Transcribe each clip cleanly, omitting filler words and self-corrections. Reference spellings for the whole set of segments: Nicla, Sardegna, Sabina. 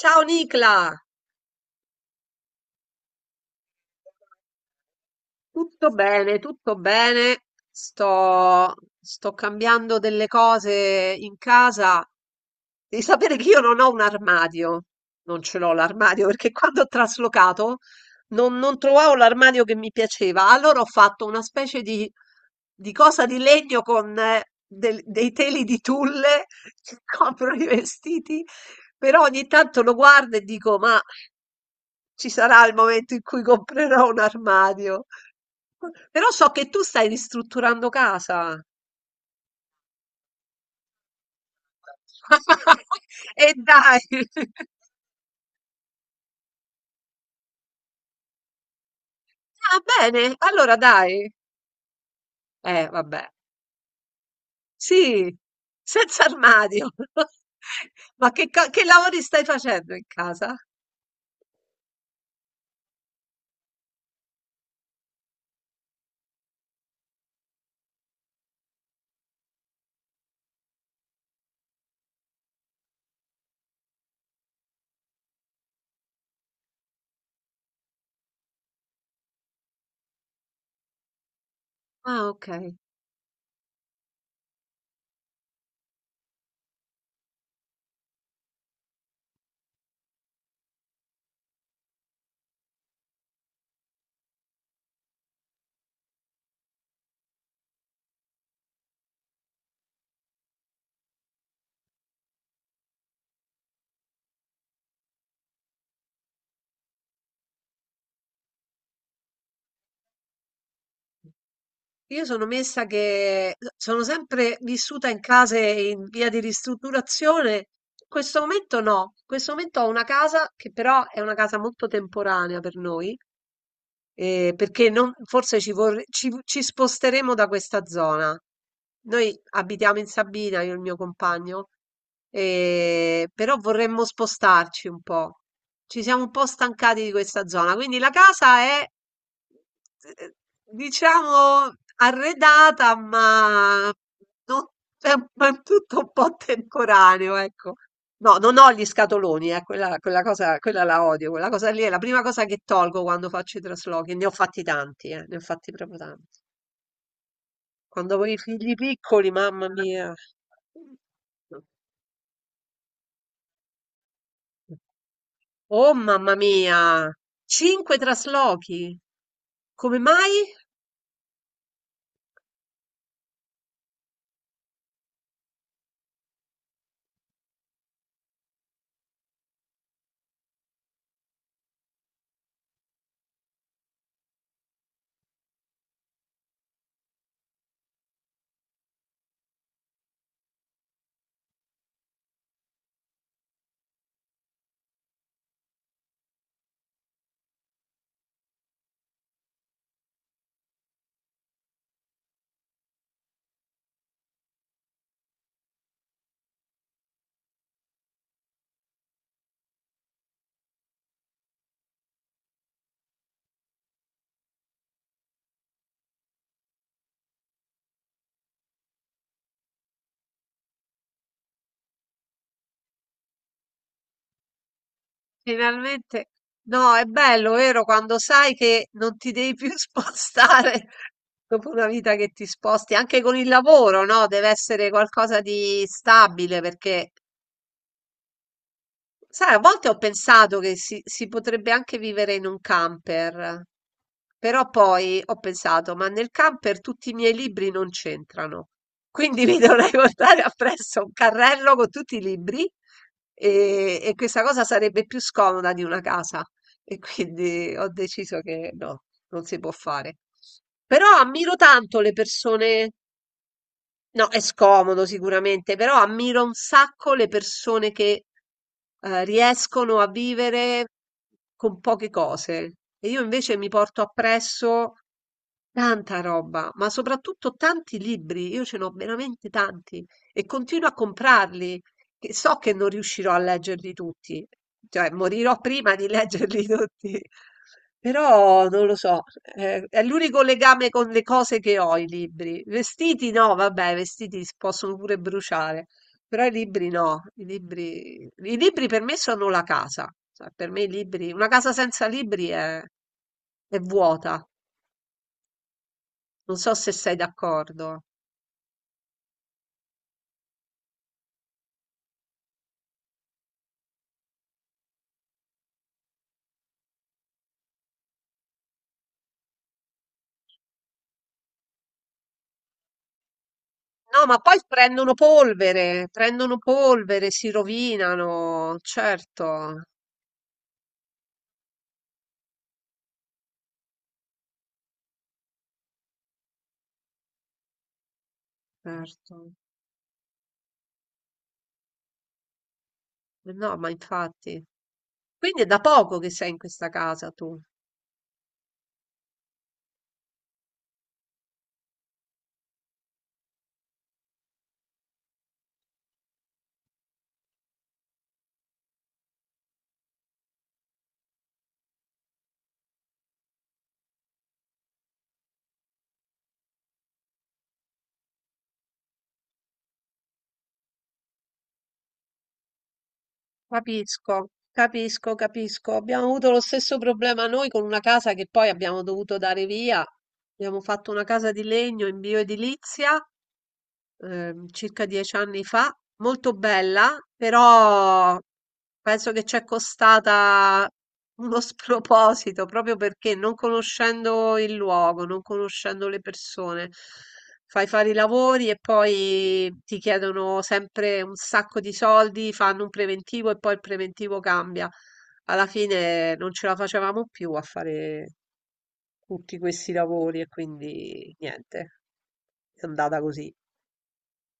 Ciao Nicla! Tutto bene, tutto bene. Sto, sto cambiando delle cose in casa. Devi sapere che io non ho un armadio. Non ce l'ho l'armadio perché quando ho traslocato non trovavo l'armadio che mi piaceva. Allora ho fatto una specie di cosa di legno con dei teli di tulle che coprono i vestiti. Però ogni tanto lo guardo e dico, ma ci sarà il momento in cui comprerò un armadio. Però so che tu stai ristrutturando casa. E dai! Ah, bene, allora dai. Vabbè. Sì, senza armadio. Ma che, che lavori stai facendo in casa? Ah, ok. Io sono messa che sono sempre vissuta in case in via di ristrutturazione. In questo momento no. In questo momento ho una casa che però è una casa molto temporanea per noi. Perché non forse ci sposteremo da questa zona. Noi abitiamo in Sabina, io e il mio compagno, però vorremmo spostarci un po'. Ci siamo un po' stancati di questa zona, quindi la casa è, eh, diciamo, arredata, ma non- è, è tutto un po' temporaneo, ecco. No, non ho gli scatoloni, quella cosa, quella la odio, quella cosa lì è la prima cosa che tolgo quando faccio i traslochi, ne ho fatti tanti, ne ho fatti proprio tanti. Quando avevo i figli piccoli, mamma mia. Oh, mamma mia! Cinque traslochi. Come mai? Finalmente. No, è bello, vero? Quando sai che non ti devi più spostare dopo una vita che ti sposti, anche con il lavoro, no? Deve essere qualcosa di stabile perché. Sai, a volte ho pensato che si potrebbe anche vivere in un camper, però poi ho pensato, ma nel camper tutti i miei libri non c'entrano, quindi mi dovrei portare appresso un carrello con tutti i libri e questa cosa sarebbe più scomoda di una casa. E quindi ho deciso che no, non si può fare. Però ammiro tanto le persone. No, è scomodo sicuramente, però ammiro un sacco le persone che riescono a vivere con poche cose. E io invece mi porto appresso tanta roba, ma soprattutto tanti libri. Io ce n'ho veramente tanti e continuo a comprarli, che so che non riuscirò a leggerli tutti, cioè morirò prima di leggerli tutti. Però non lo so, è l'unico legame con le cose che ho, i libri. Vestiti no, vabbè, i vestiti si possono pure bruciare, però i libri no, i libri per me sono la casa. Cioè, per me i libri, una casa senza libri è vuota. Non so se sei d'accordo. No, ma poi prendono polvere, si rovinano, certo, certo. No, ma infatti. Quindi è da poco che sei in questa casa tu. Capisco, capisco, capisco. Abbiamo avuto lo stesso problema noi con una casa che poi abbiamo dovuto dare via. Abbiamo fatto una casa di legno in bioedilizia circa 10 anni fa, molto bella, però penso che ci è costata uno sproposito proprio perché non conoscendo il luogo, non conoscendo le persone, fai fare i lavori e poi ti chiedono sempre un sacco di soldi, fanno un preventivo e poi il preventivo cambia. Alla fine non ce la facevamo più a fare tutti questi lavori e quindi niente, è andata così.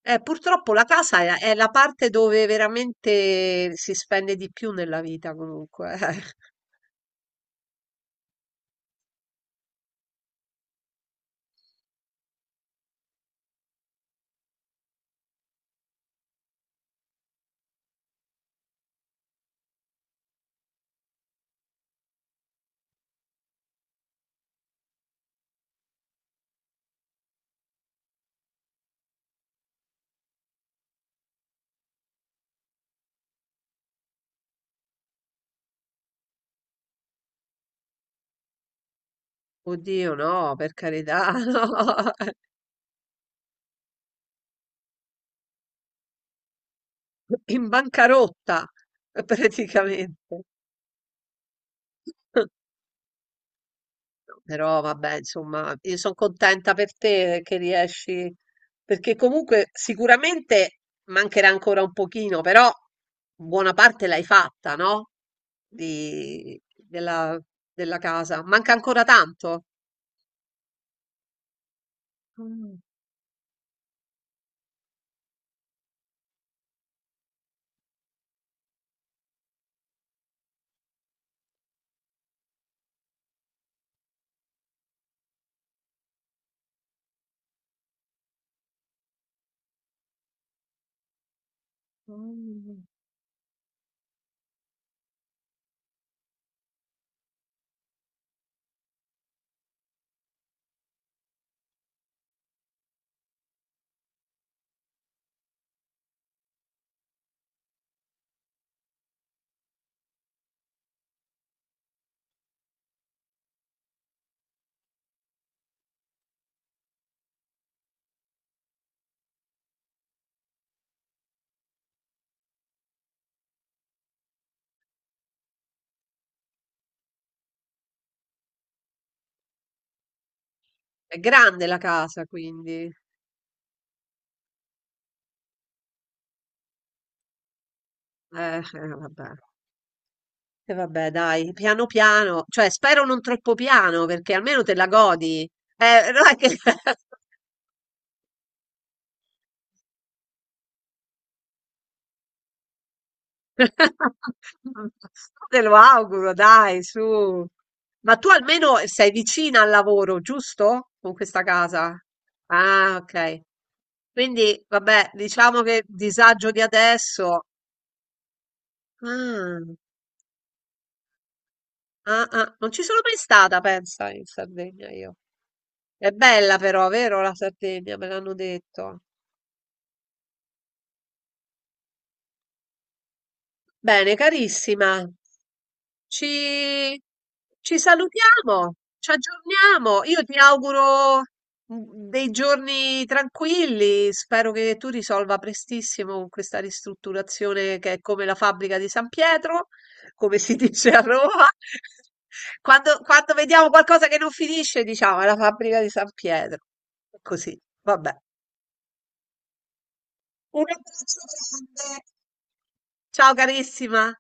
Purtroppo la casa è la parte dove veramente si spende di più nella vita, comunque. Oddio, no, per carità, no. In bancarotta, praticamente. Però vabbè, insomma, io sono contenta per te che riesci, perché comunque sicuramente mancherà ancora un pochino, però buona parte l'hai fatta, no? Di- della, della casa. Manca ancora tanto. Mm. Mh. È grande la casa quindi. Vabbè. E vabbè dai, piano piano, cioè spero non troppo piano perché almeno te la godi. Non è che te lo auguro dai, su. Ma tu almeno sei vicina al lavoro, giusto? Con questa casa? Ah, okay. Quindi vabbè, diciamo che disagio di adesso ah, ah, ah, non ci sono mai stata pensa in Sardegna io. È bella però, vero la Sardegna, me l'hanno detto. Bene, carissima, ci, ci salutiamo, ci aggiorniamo. Io ti auguro dei giorni tranquilli. Spero che tu risolva prestissimo questa ristrutturazione che è come la fabbrica di San Pietro, come si dice a Roma. Quando vediamo qualcosa che non finisce, diciamo, è la fabbrica di San Pietro. Così, vabbè. Un abbraccio grande. Ciao carissima!